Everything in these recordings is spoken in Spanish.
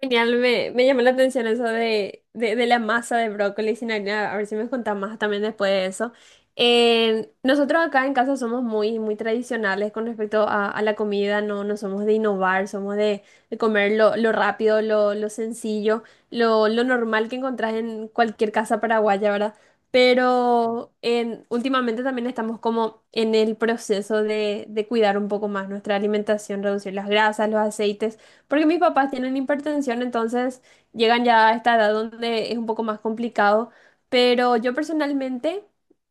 Genial, me llamó la atención eso de la masa de brócoli sin harina. A ver si me contás más también después de eso. Nosotros acá en casa somos muy tradicionales con respecto a la comida, no somos de innovar, somos de comer lo rápido, lo sencillo, lo normal que encontrás en cualquier casa paraguaya, ¿verdad? Últimamente también estamos como en el proceso de cuidar un poco más nuestra alimentación, reducir las grasas, los aceites porque mis papás tienen hipertensión, entonces llegan ya a esta edad donde es un poco más complicado, pero yo personalmente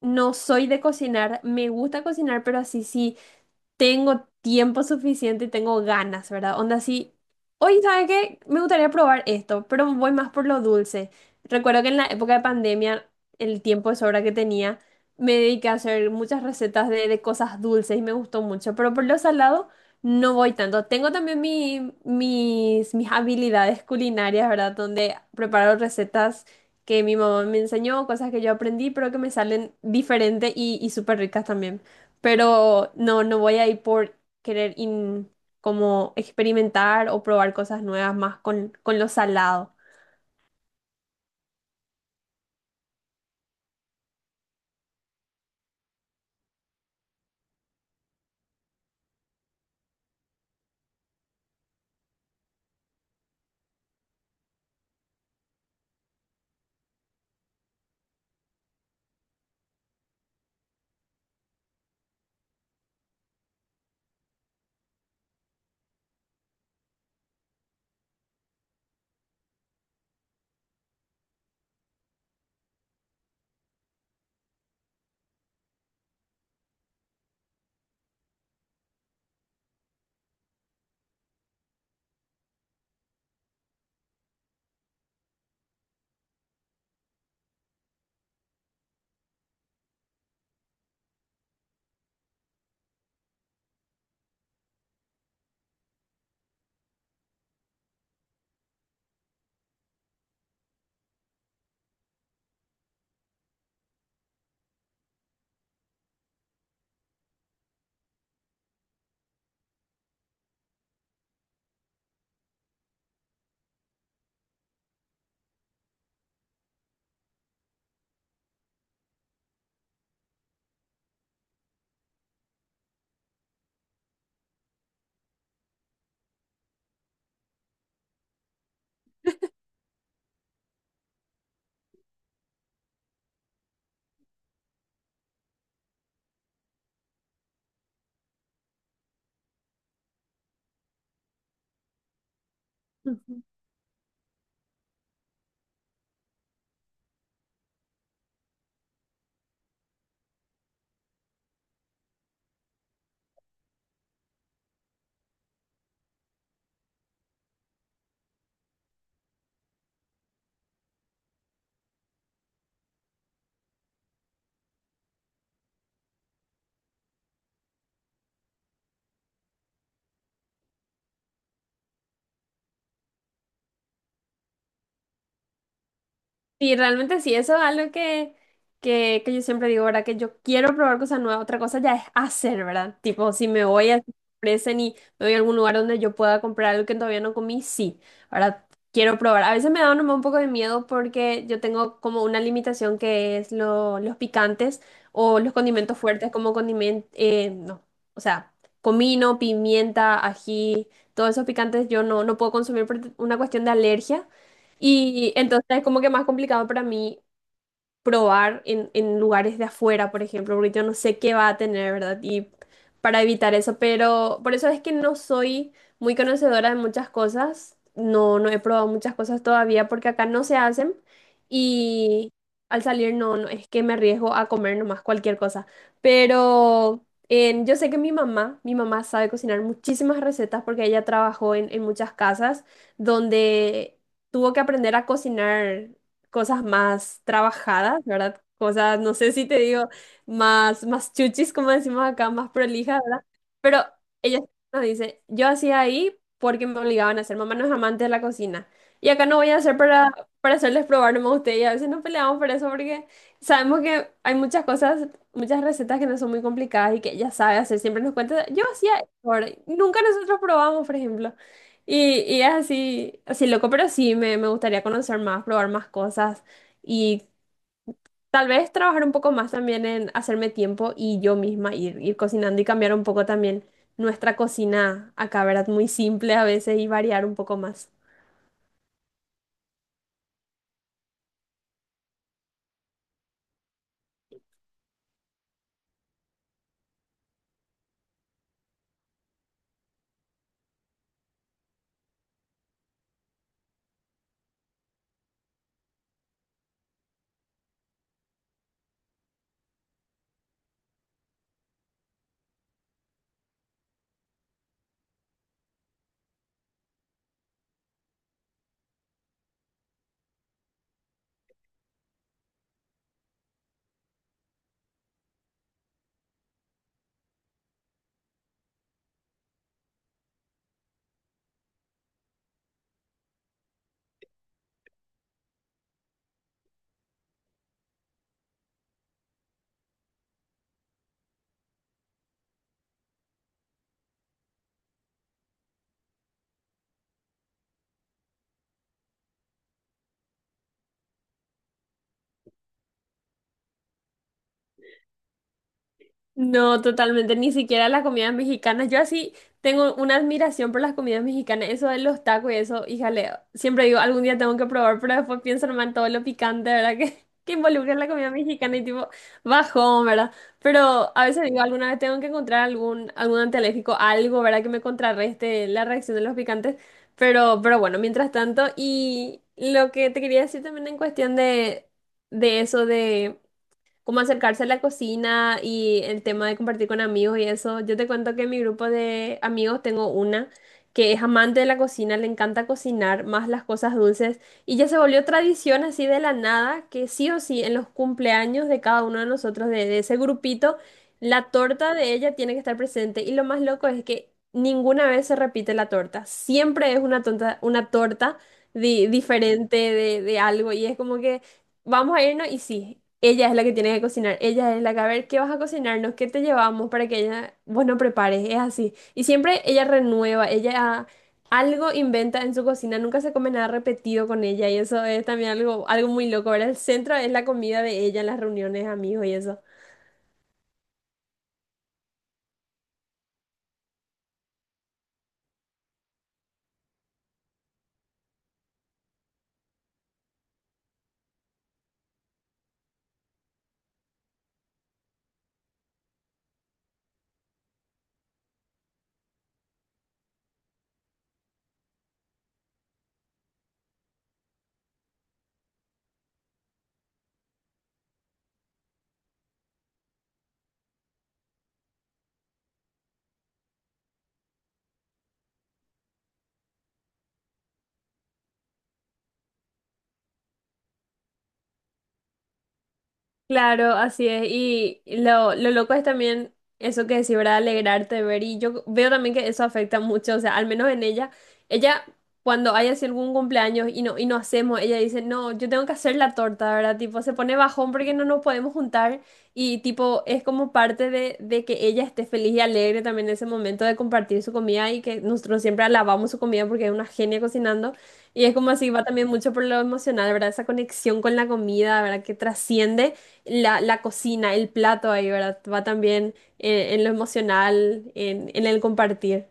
no soy de cocinar, me gusta cocinar, pero así sí tengo tiempo suficiente y tengo ganas, ¿verdad? Onda así, hoy, ¿sabe qué? Me gustaría probar esto, pero voy más por lo dulce. Recuerdo que en la época de pandemia, el tiempo de sobra que tenía, me dediqué a hacer muchas recetas de cosas dulces y me gustó mucho, pero por lo salado no voy tanto. Tengo también mis habilidades culinarias, ¿verdad? Donde preparo recetas que mi mamá me enseñó, cosas que yo aprendí, pero que me salen diferentes y súper ricas también, pero no, no voy a ir por querer como experimentar o probar cosas nuevas más con lo salado. Sí, realmente sí, eso es algo que yo siempre digo, ¿verdad? Que yo quiero probar cosas nuevas, otra cosa ya es hacer, ¿verdad? Tipo, si me voy a ofrecen y me voy a algún lugar donde yo pueda comprar algo que todavía no comí, sí, ahora quiero probar. A veces me da nomás un poco de miedo porque yo tengo como una limitación que es los picantes o los condimentos fuertes como condimento, no, o sea, comino, pimienta, ají, todos esos picantes yo no, no puedo consumir por una cuestión de alergia. Y entonces es como que más complicado para mí probar en lugares de afuera, por ejemplo, porque yo no sé qué va a tener, ¿verdad? Y para evitar eso, pero por eso es que no soy muy conocedora de muchas cosas, no, no he probado muchas cosas todavía porque acá no se hacen. Y al salir no, no es que me arriesgo a comer nomás cualquier cosa, pero... yo sé que mi mamá sabe cocinar muchísimas recetas porque ella trabajó en muchas casas donde tuvo que aprender a cocinar cosas más trabajadas, ¿verdad? Cosas, no sé si te digo, más chuchis, como decimos acá, más prolijas, ¿verdad? Pero ella nos dice, yo hacía ahí porque me obligaban a hacer, mamá no es amante de la cocina. Y acá no voy a hacer para hacerles probar nomás a ustedes. Y a veces nos peleamos por eso porque sabemos que hay muchas cosas, muchas recetas que no son muy complicadas y que ella sabe hacer. Siempre nos cuenta, yo hacía esto, ¿verdad? Y nunca nosotros probamos, por ejemplo. Y es así, así loco, pero sí, me gustaría conocer más, probar más cosas y tal vez trabajar un poco más también en hacerme tiempo y yo misma ir, ir cocinando y cambiar un poco también nuestra cocina acá, ¿verdad? Muy simple a veces y variar un poco más. No, totalmente, ni siquiera las comidas mexicanas. Yo así tengo una admiración por las comidas mexicanas, eso de los tacos y eso, híjale, siempre digo, algún día tengo que probar, pero después pienso nomás en todo lo picante, ¿verdad? Que involucra la comida mexicana y tipo, bajón, ¿verdad? Pero a veces digo, alguna vez tengo que encontrar algún, algún antialérgico, algo, ¿verdad? Que me contrarreste la reacción de los picantes, pero bueno, mientras tanto, y lo que te quería decir también en cuestión de eso como acercarse a la cocina y el tema de compartir con amigos y eso. Yo te cuento que en mi grupo de amigos tengo una que es amante de la cocina, le encanta cocinar, más las cosas dulces, y ya se volvió tradición así de la nada, que sí o sí en los cumpleaños de cada uno de nosotros, de ese grupito, la torta de ella tiene que estar presente. Y lo más loco es que ninguna vez se repite la torta, siempre es una, tonta, una torta diferente de algo, y es como que vamos a irnos y sí, ella es la que tiene que cocinar, ella es la que a ver qué vas a cocinarnos, qué te llevamos para que ella, vos no prepares, es así. Y siempre ella renueva, ella algo inventa en su cocina, nunca se come nada repetido con ella y eso es también algo, algo muy loco, ¿verdad? El centro es la comida de ella en las reuniones, amigos y eso. Claro, así es. Y lo loco es también eso que decís, ¿verdad? Alegrarte de ver. Y yo veo también que eso afecta mucho, o sea, al menos en ella. Ella, cuando hay así algún cumpleaños y no hacemos, ella dice, no, yo tengo que hacer la torta, ¿verdad? Tipo, se pone bajón porque no nos podemos juntar. Y tipo, es como parte de que ella esté feliz y alegre también en ese momento de compartir su comida y que nosotros siempre alabamos su comida porque es una genia cocinando. Y es como así, va también mucho por lo emocional, ¿verdad? Esa conexión con la comida, ¿verdad? Que trasciende la cocina, el plato ahí, ¿verdad? Va también en lo emocional, en el compartir.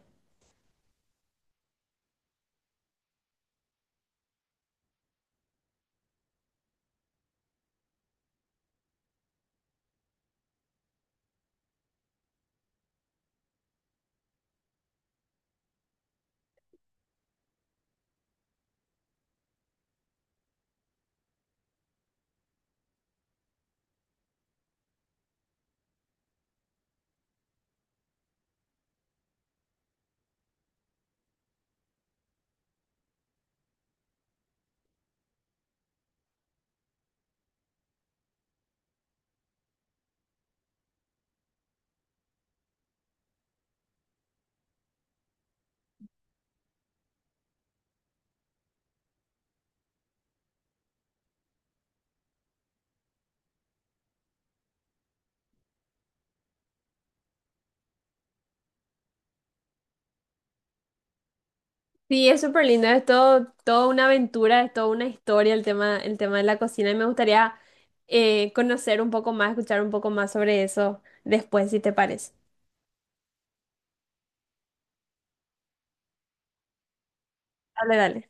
Sí, es súper lindo, es todo, toda una aventura, es toda una historia el tema de la cocina y me gustaría conocer un poco más, escuchar un poco más sobre eso después, si te parece. Dale, dale.